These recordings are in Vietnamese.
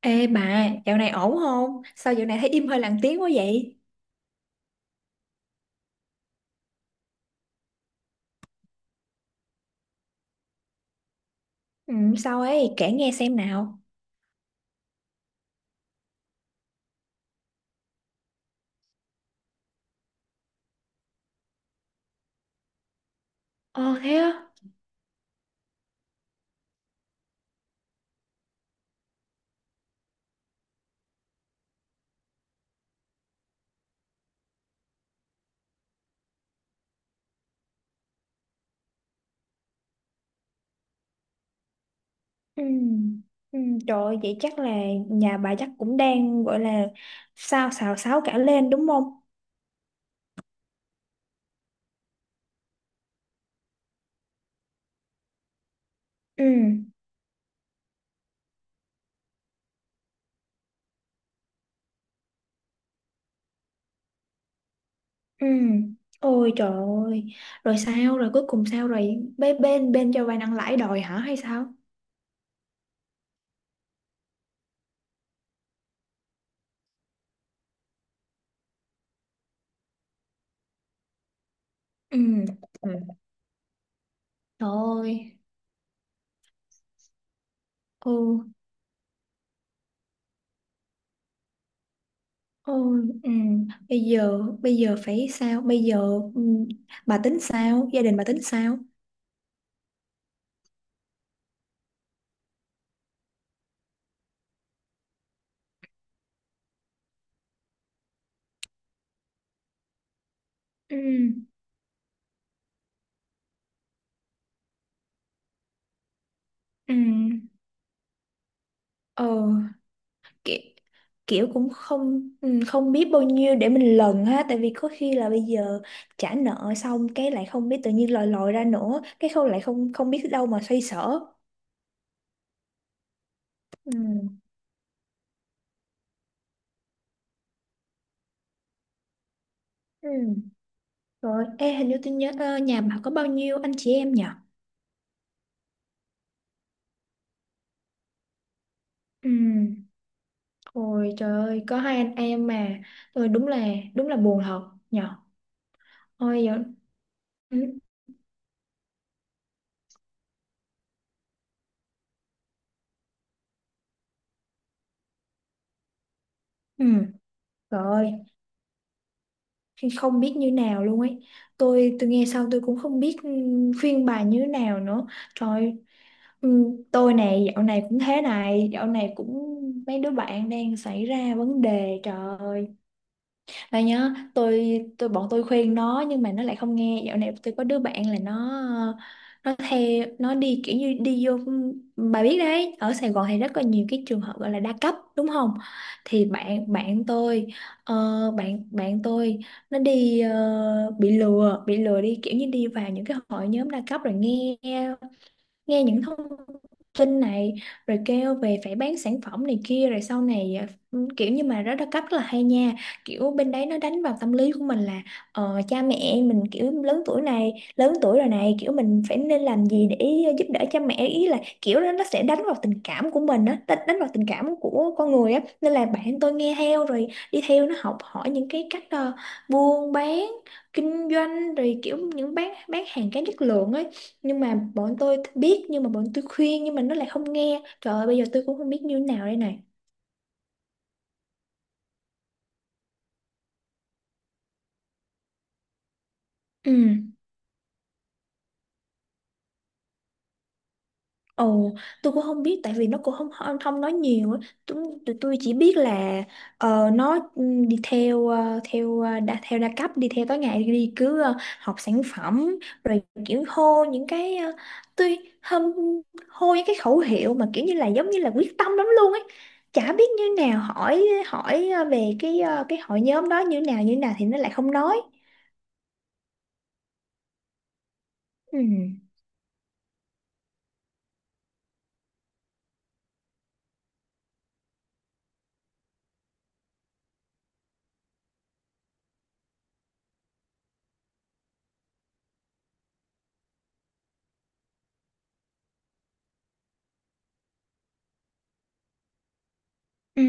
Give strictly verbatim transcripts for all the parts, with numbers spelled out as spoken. Ê bà, dạo này ổn không? Sao dạo này thấy im hơi lặng tiếng quá vậy? Ừ, sao ấy, kể nghe xem nào. Ờ thế á. Ừ. Ừ, trời ơi, vậy chắc là nhà bà chắc cũng đang gọi là sao xào xáo cả lên đúng không? Ừ, ừ. Ôi trời ơi, rồi sao, rồi cuối cùng sao rồi? Bên bên, bên cho vay nặng lãi đòi hả hay sao? Ừ. Ừ. Trời ơi. Ừ. Ôi, ừ. Bây giờ bây giờ phải sao? Bây giờ ừ, bà tính sao? Gia đình bà tính sao? Ừ. Ừ. Ờ, kiểu, kiểu cũng không ừ, không biết bao nhiêu để mình lần ha, tại vì có khi là bây giờ trả nợ xong cái lại không biết tự nhiên lòi lòi ra nữa, cái không lại không không biết đâu mà xoay sở ừ. Ừ. Rồi, ê hình như tôi nhớ ờ, nhà bà có bao nhiêu anh chị em nhỉ? Ừ. Ôi trời ơi, có hai anh em mà. Tôi đúng là đúng là buồn thật nhỉ. Ôi giờ ừ. Ừ. Trời ơi, không biết như nào luôn ấy. Tôi tôi nghe xong tôi cũng không biết ừ, khuyên bà như nào nữa. Trời ơi, ừ, tôi này dạo này cũng thế này, dạo này cũng mấy đứa bạn đang xảy ra vấn đề, trời ơi. Và nhớ tôi tôi bọn tôi khuyên nó nhưng mà nó lại không nghe. Dạo này tôi có đứa bạn là nó nó theo, nó đi kiểu như đi vô, bà biết đấy, ở Sài Gòn thì rất là nhiều cái trường hợp gọi là đa cấp đúng không, thì bạn bạn tôi ờ, bạn bạn tôi nó đi ờ, bị lừa bị lừa đi kiểu như đi vào những cái hội nhóm đa cấp rồi nghe nghe những thông tin này, rồi kêu về phải bán sản phẩm này kia rồi sau này à, kiểu như mà rất là cấp rất là hay nha, kiểu bên đấy nó đánh vào tâm lý của mình là ờ, cha mẹ mình kiểu lớn tuổi này, lớn tuổi rồi này, kiểu mình phải nên làm gì để giúp đỡ cha mẹ, ý là kiểu đó nó sẽ đánh vào tình cảm của mình á, đánh đánh vào tình cảm của con người á, nên là bạn tôi nghe theo rồi đi theo nó, học hỏi những cái cách ờ, buôn bán kinh doanh, rồi kiểu những bán bán hàng kém chất lượng ấy, nhưng mà bọn tôi biết, nhưng mà bọn tôi khuyên nhưng mà nó lại không nghe, trời ơi, bây giờ tôi cũng không biết như thế nào đây này. Ừ. Ồ, tôi cũng không biết tại vì nó cũng không không, không nói nhiều á. Tụi, tụi tôi chỉ biết là ờ, nó ừ, đi theo ờ, theo ờ, đa, theo đa cấp, đi theo tối ngày, đi cứ ờ, học sản phẩm rồi kiểu hô những cái ờ, tôi hâm, hô những cái khẩu hiệu mà kiểu như là giống như là quyết tâm lắm luôn ấy. Chả biết như nào, hỏi hỏi ờ, về cái ờ, cái hội nhóm đó như nào như nào thì nó lại không nói. Ừ. Ừ.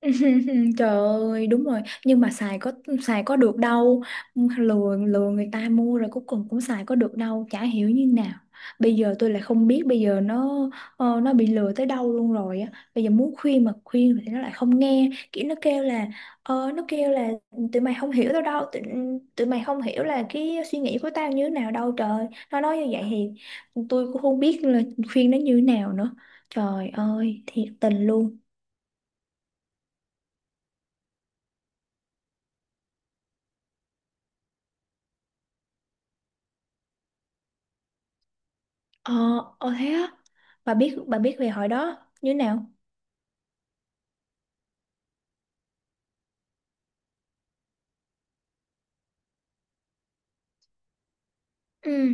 Trời ơi, đúng rồi, nhưng mà xài có xài có được đâu. Lừa lừa người ta mua rồi cuối cùng cũng xài có được đâu, chả hiểu như nào. Bây giờ tôi lại không biết bây giờ nó ờ, nó bị lừa tới đâu luôn rồi á. Bây giờ muốn khuyên mà khuyên thì nó lại không nghe, kiểu nó kêu là ờ, nó kêu là tụi mày không hiểu tao đâu, tụi, tụi mày không hiểu là cái suy nghĩ của tao như thế nào đâu trời. Nó nói như vậy thì tôi cũng không biết là khuyên nó như thế nào nữa. Trời ơi, thiệt tình luôn. Ờ, ờ thế á. Bà biết bà biết về hồi đó như nào? Ừ,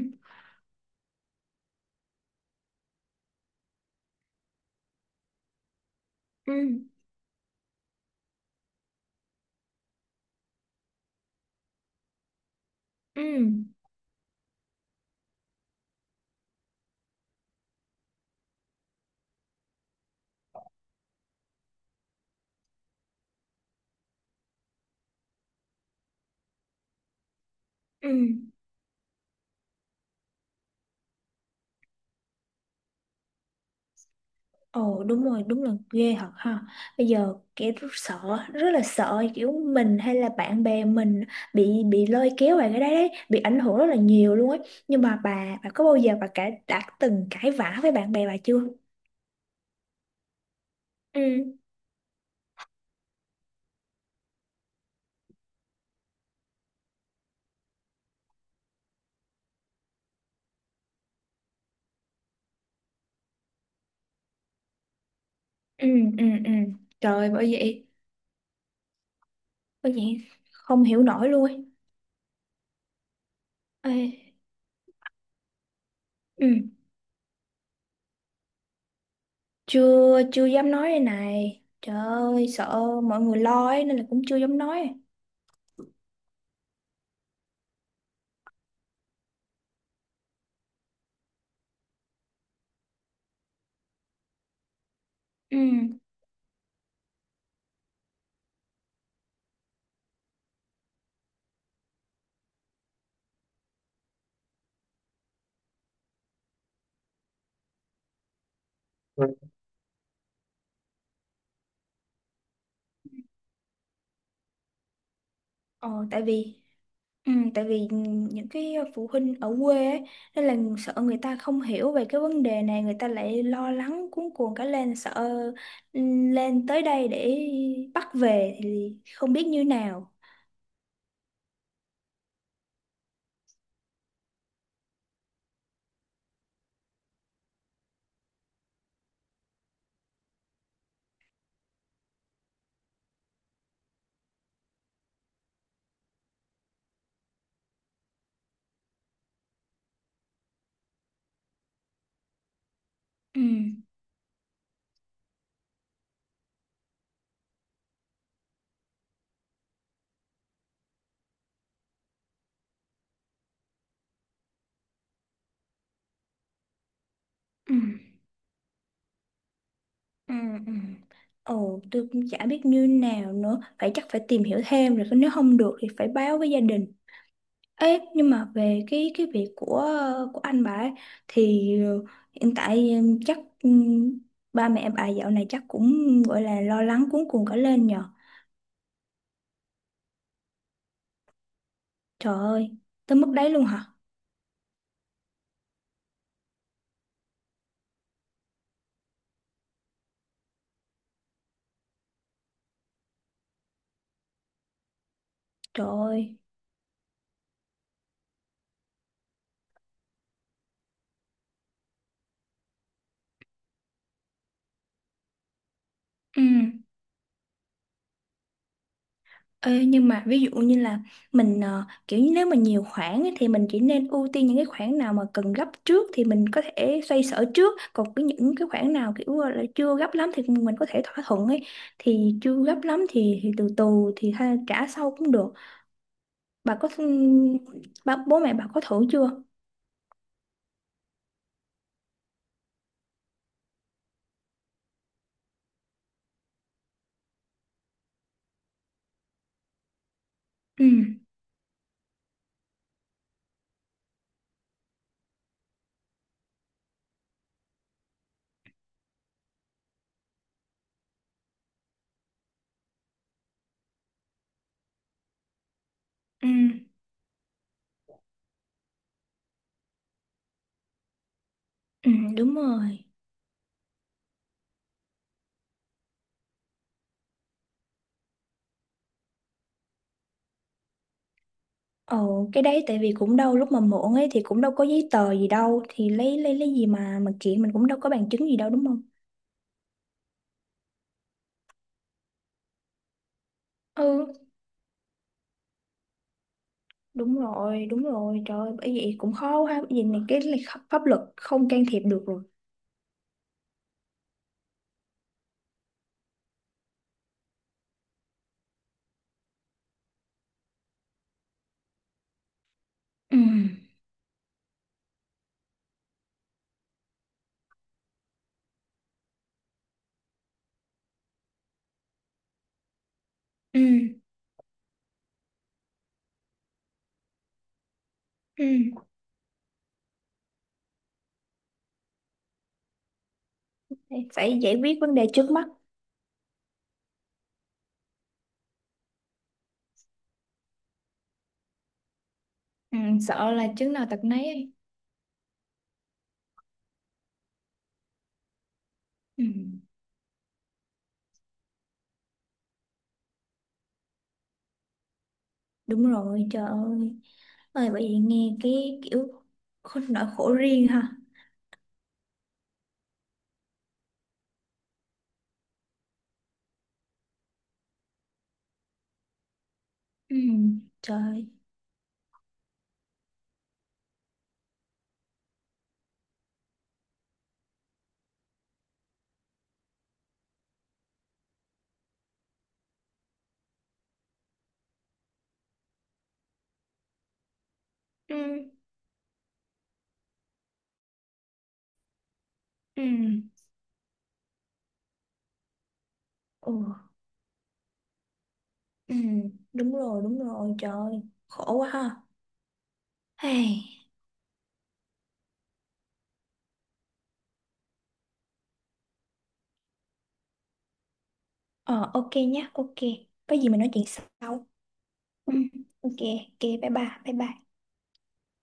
ừ, ừ, ừ. Ồ, đúng rồi, đúng là ghê thật ha. Bây giờ kiểu rất sợ, rất là sợ kiểu mình hay là bạn bè mình bị bị lôi kéo vào cái đấy đấy, bị ảnh hưởng rất là nhiều luôn ấy. Nhưng mà bà bà có bao giờ bà cả đã từng cãi vã với bạn bè bà chưa? Ừ, ừ, ừ, ừ. Trời, bởi vậy, bởi vậy không hiểu nổi luôn ấy. Ê, ừ, chưa chưa dám nói đây này, trời ơi, sợ mọi người lo ấy nên là cũng chưa dám nói. Ừ. Ừ. ờ, tại vì ừ, tại vì những cái phụ huynh ở quê ấy, nên là sợ người ta không hiểu về cái vấn đề này, người ta lại lo lắng cuống cuồng cả lên, sợ ừ, lên tới đây để bắt về thì không biết như nào. Ừ. Ừ. Ừ. Ừ. Ồ, tôi cũng chả biết như nào nữa, phải chắc phải tìm hiểu thêm, rồi nếu không được thì phải báo với gia đình. Ê, nhưng mà về cái cái việc của ờ, của anh bà ấy, thì ờ, hiện tại ờ, chắc ừm, ba mẹ bà dạo này chắc cũng gọi là lo lắng cuống cuồng cả lên nhờ. Trời ơi, tới mức đấy luôn hả? Trời ơi. Ừ. Ê, nhưng mà ví dụ như là mình ờ, kiểu như nếu mà nhiều khoản ấy, thì mình chỉ nên ưu tiên những cái khoản nào mà cần gấp trước thì mình có thể xoay sở trước, còn cái những cái khoản nào kiểu là chưa gấp lắm thì mình có thể thỏa thuận ấy, thì chưa gấp lắm thì, thì từ từ thì tha, trả sau cũng được, bà có ừm, bố mẹ bà có thử chưa? Ừ. Ừ. Ừ, đúng rồi. Ồ, cái đấy tại vì cũng đâu, lúc mà mượn ấy thì cũng đâu có giấy tờ gì đâu, thì lấy, lấy lấy gì mà mà kiện, mình cũng đâu có bằng chứng gì đâu đúng không? Ừ. Đúng rồi, đúng rồi, trời ơi, bởi vậy cũng khó ha, bởi vì này cái này kh- pháp luật không can thiệp được rồi. Ừ, ừ, ừ, phải giải quyết vấn đề trước mắt. Ừ, sợ là chứng nào tật nấy ấy. Ừ, đúng rồi, trời ơi. Ơi, bởi vì nghe cái kiểu khổ, nỗi khổ riêng ha. Ừ, trời. ơi. Ừ, ừ, ừ, ừ, đúng rồi, đúng rồi, trời ơi, khổ quá ha. Hey. Ờ, ok nhá, ok. Có gì mình nói chuyện sau. Ừ, ok, ok. Bye bye, bye bye.